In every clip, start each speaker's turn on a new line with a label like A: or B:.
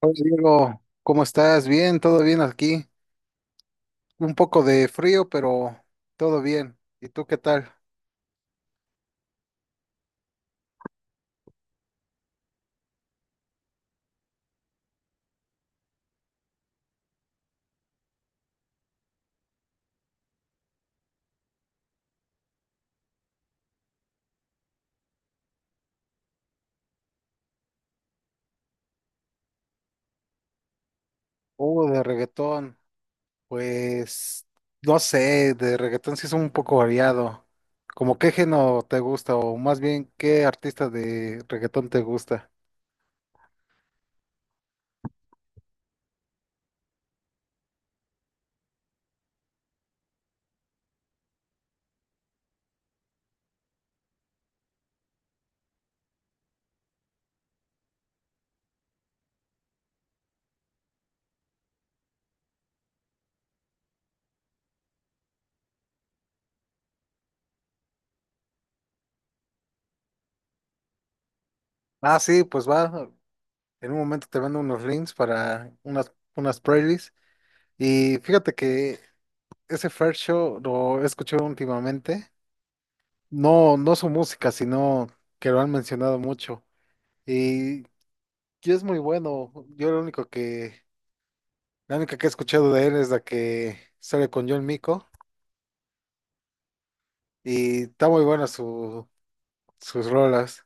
A: Hola Diego, ¿cómo estás? Bien, todo bien aquí. Un poco de frío, pero todo bien. ¿Y tú qué tal? De reggaetón. Pues no sé, de reggaetón sí es un poco variado. ¿Cómo qué género te gusta? O más bien, ¿qué artista de reggaetón te gusta? Ah, sí, pues va. En un momento te mando unos links para unas playlists. Y fíjate que ese First Show lo he escuchado últimamente. No su música, sino que lo han mencionado mucho. Y, y es muy bueno. Yo lo único que, la única que he escuchado de él es la que sale con John Mico. Y está muy buena su, sus rolas.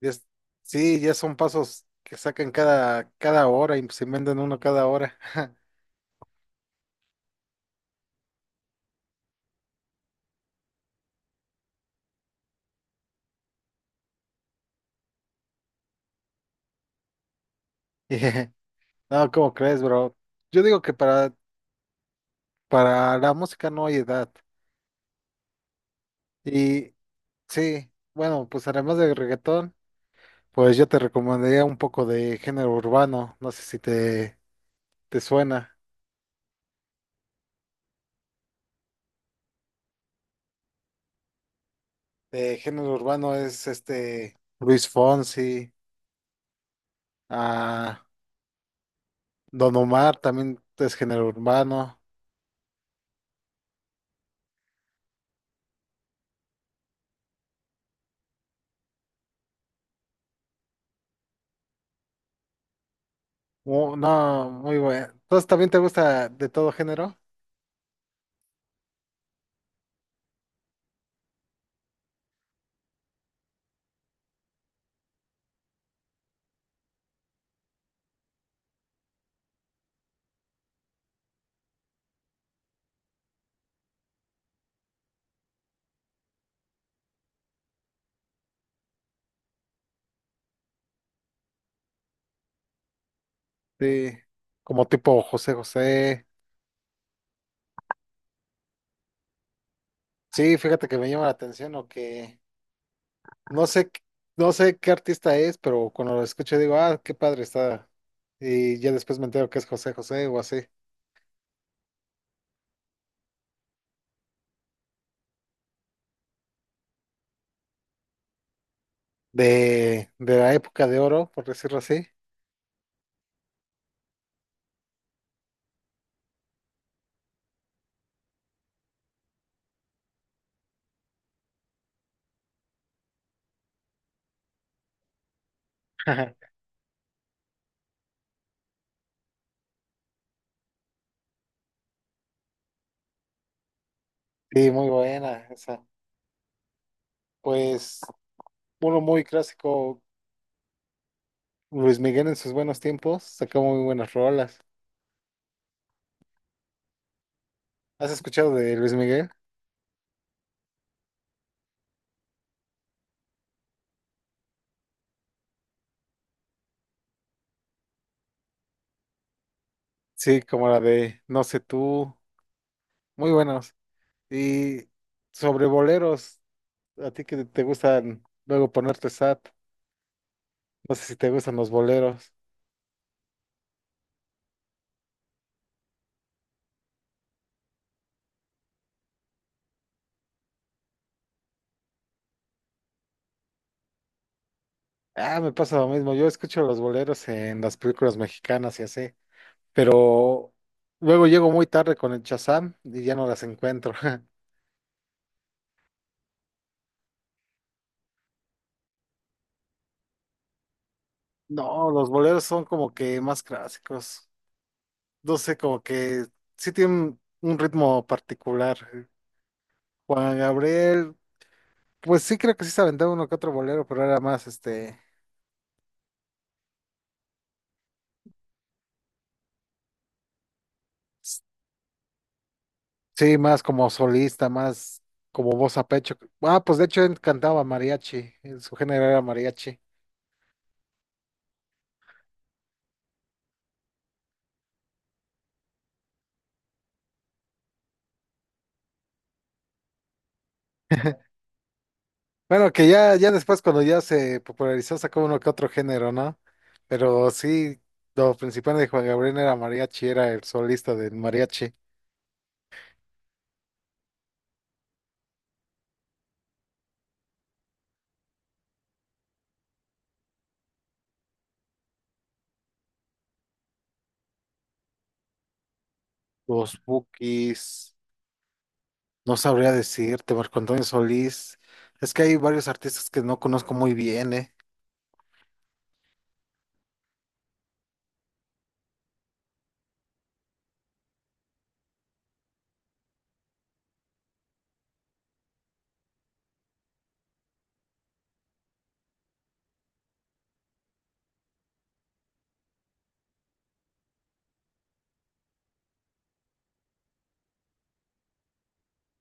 A: Y es- sí, ya son pasos que sacan cada hora y se inventan uno cada hora. Y, No, ¿cómo crees, bro? Yo digo que para la música no hay edad. Y sí, bueno, pues además del reggaetón. Pues yo te recomendaría un poco de género urbano, no sé si te suena. De género urbano es este Luis Fonsi, ah, Don Omar también es género urbano. No, muy bueno. Entonces también te gusta de todo género, sí, como tipo José José. Sí, fíjate que me llama la atención o que no sé, no sé qué artista es, pero cuando lo escucho digo, ah, qué padre está. Y ya después me entero que es José José o así. De la época de oro, por decirlo así. Sí, muy buena esa. Pues uno muy clásico, Luis Miguel en sus buenos tiempos, sacó muy buenas rolas. ¿Has escuchado de Luis Miguel? Sí, como la de No sé tú, muy buenos. Y sobre boleros, a ti que te gustan luego ponerte sad, no sé si te gustan los boleros. Ah, me pasa lo mismo, yo escucho los boleros en las películas mexicanas y así. Pero luego llego muy tarde con el Shazam y ya no las encuentro. No, los boleros son como que más clásicos. No sé, como que sí tienen un ritmo particular. Juan Gabriel, pues sí creo que sí se aventaba uno que otro bolero, pero era más este, sí, más como solista, más como voz a pecho. Ah, pues de hecho él cantaba mariachi, su género era mariachi. Bueno, que ya después cuando ya se popularizó sacó uno que otro género, ¿no? Pero sí, lo principal de Juan Gabriel era mariachi, era el solista del mariachi. Los Bukis, no sabría decirte, Marco Antonio Solís. Es que hay varios artistas que no conozco muy bien, ¿eh?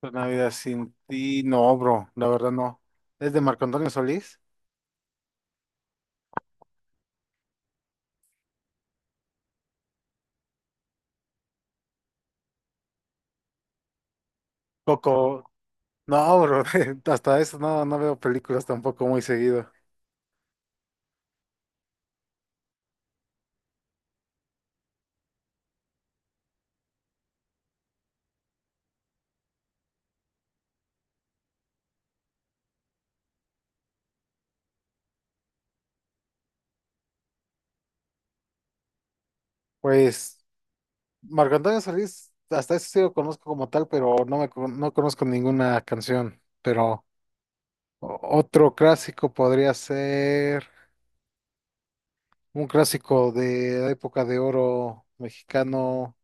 A: Una vida sin ti, no, bro, la verdad no. ¿Es de Marco Antonio Solís? Coco, no, bro, hasta eso no, no veo películas tampoco muy seguido. Pues. Marco Antonio Solís, hasta eso sí lo conozco como tal, pero no conozco ninguna canción. Pero otro clásico podría ser un clásico de la época de oro mexicano.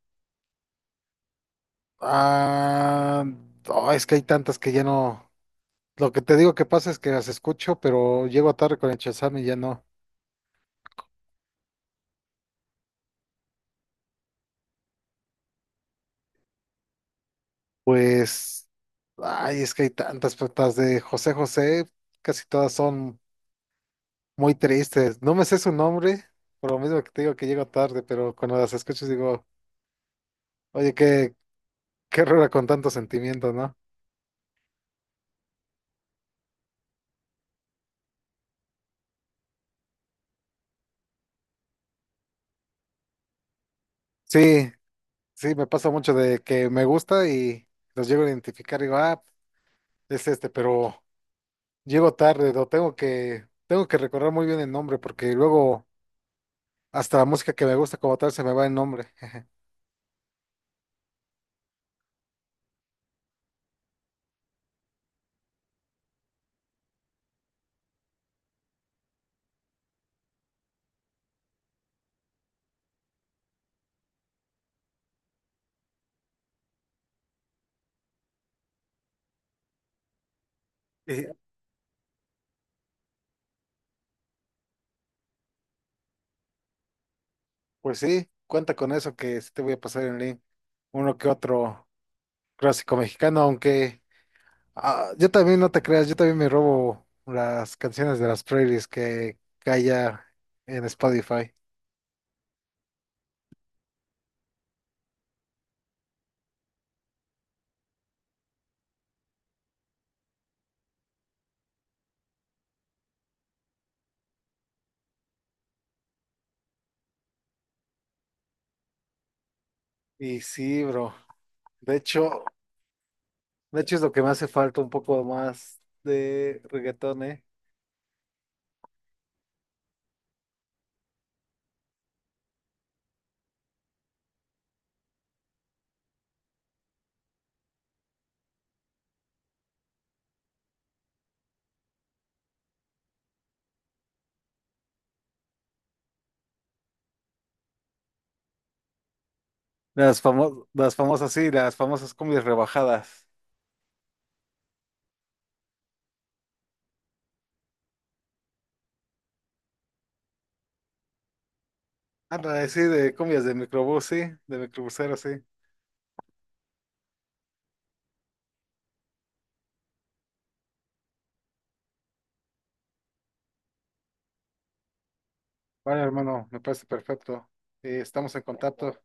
A: Ah, no, es que hay tantas que ya no. Lo que te digo que pasa es que las escucho, pero llego tarde con el Shazam y ya no. Pues, ay, es que hay tantas, pero las de José José, casi todas son muy tristes. No me sé su nombre, por lo mismo que te digo que llego tarde, pero cuando las escucho digo, oye, qué, qué rara con tantos sentimientos, ¿no? Sí, sí, me pasa mucho de que me gusta y los llego a identificar y digo, ah, es este, pero llego tarde, lo tengo que recordar muy bien el nombre, porque luego hasta la música que me gusta como tal se me va el nombre. Y, pues sí, cuenta con eso que sí te voy a pasar en link, uno que otro clásico mexicano, aunque. Ah, yo también, no te creas, yo también me robo las canciones de las playlists que hay ya en Spotify. Y sí, bro. De hecho, de hecho es lo que me hace falta un poco más de reggaetón, ¿eh? Las famosas, sí, las famosas cumbias rebajadas. Anda, sí, de cumbias de microbús, sí, de microbusero, sí. Vale, hermano, me parece perfecto. Estamos en contacto.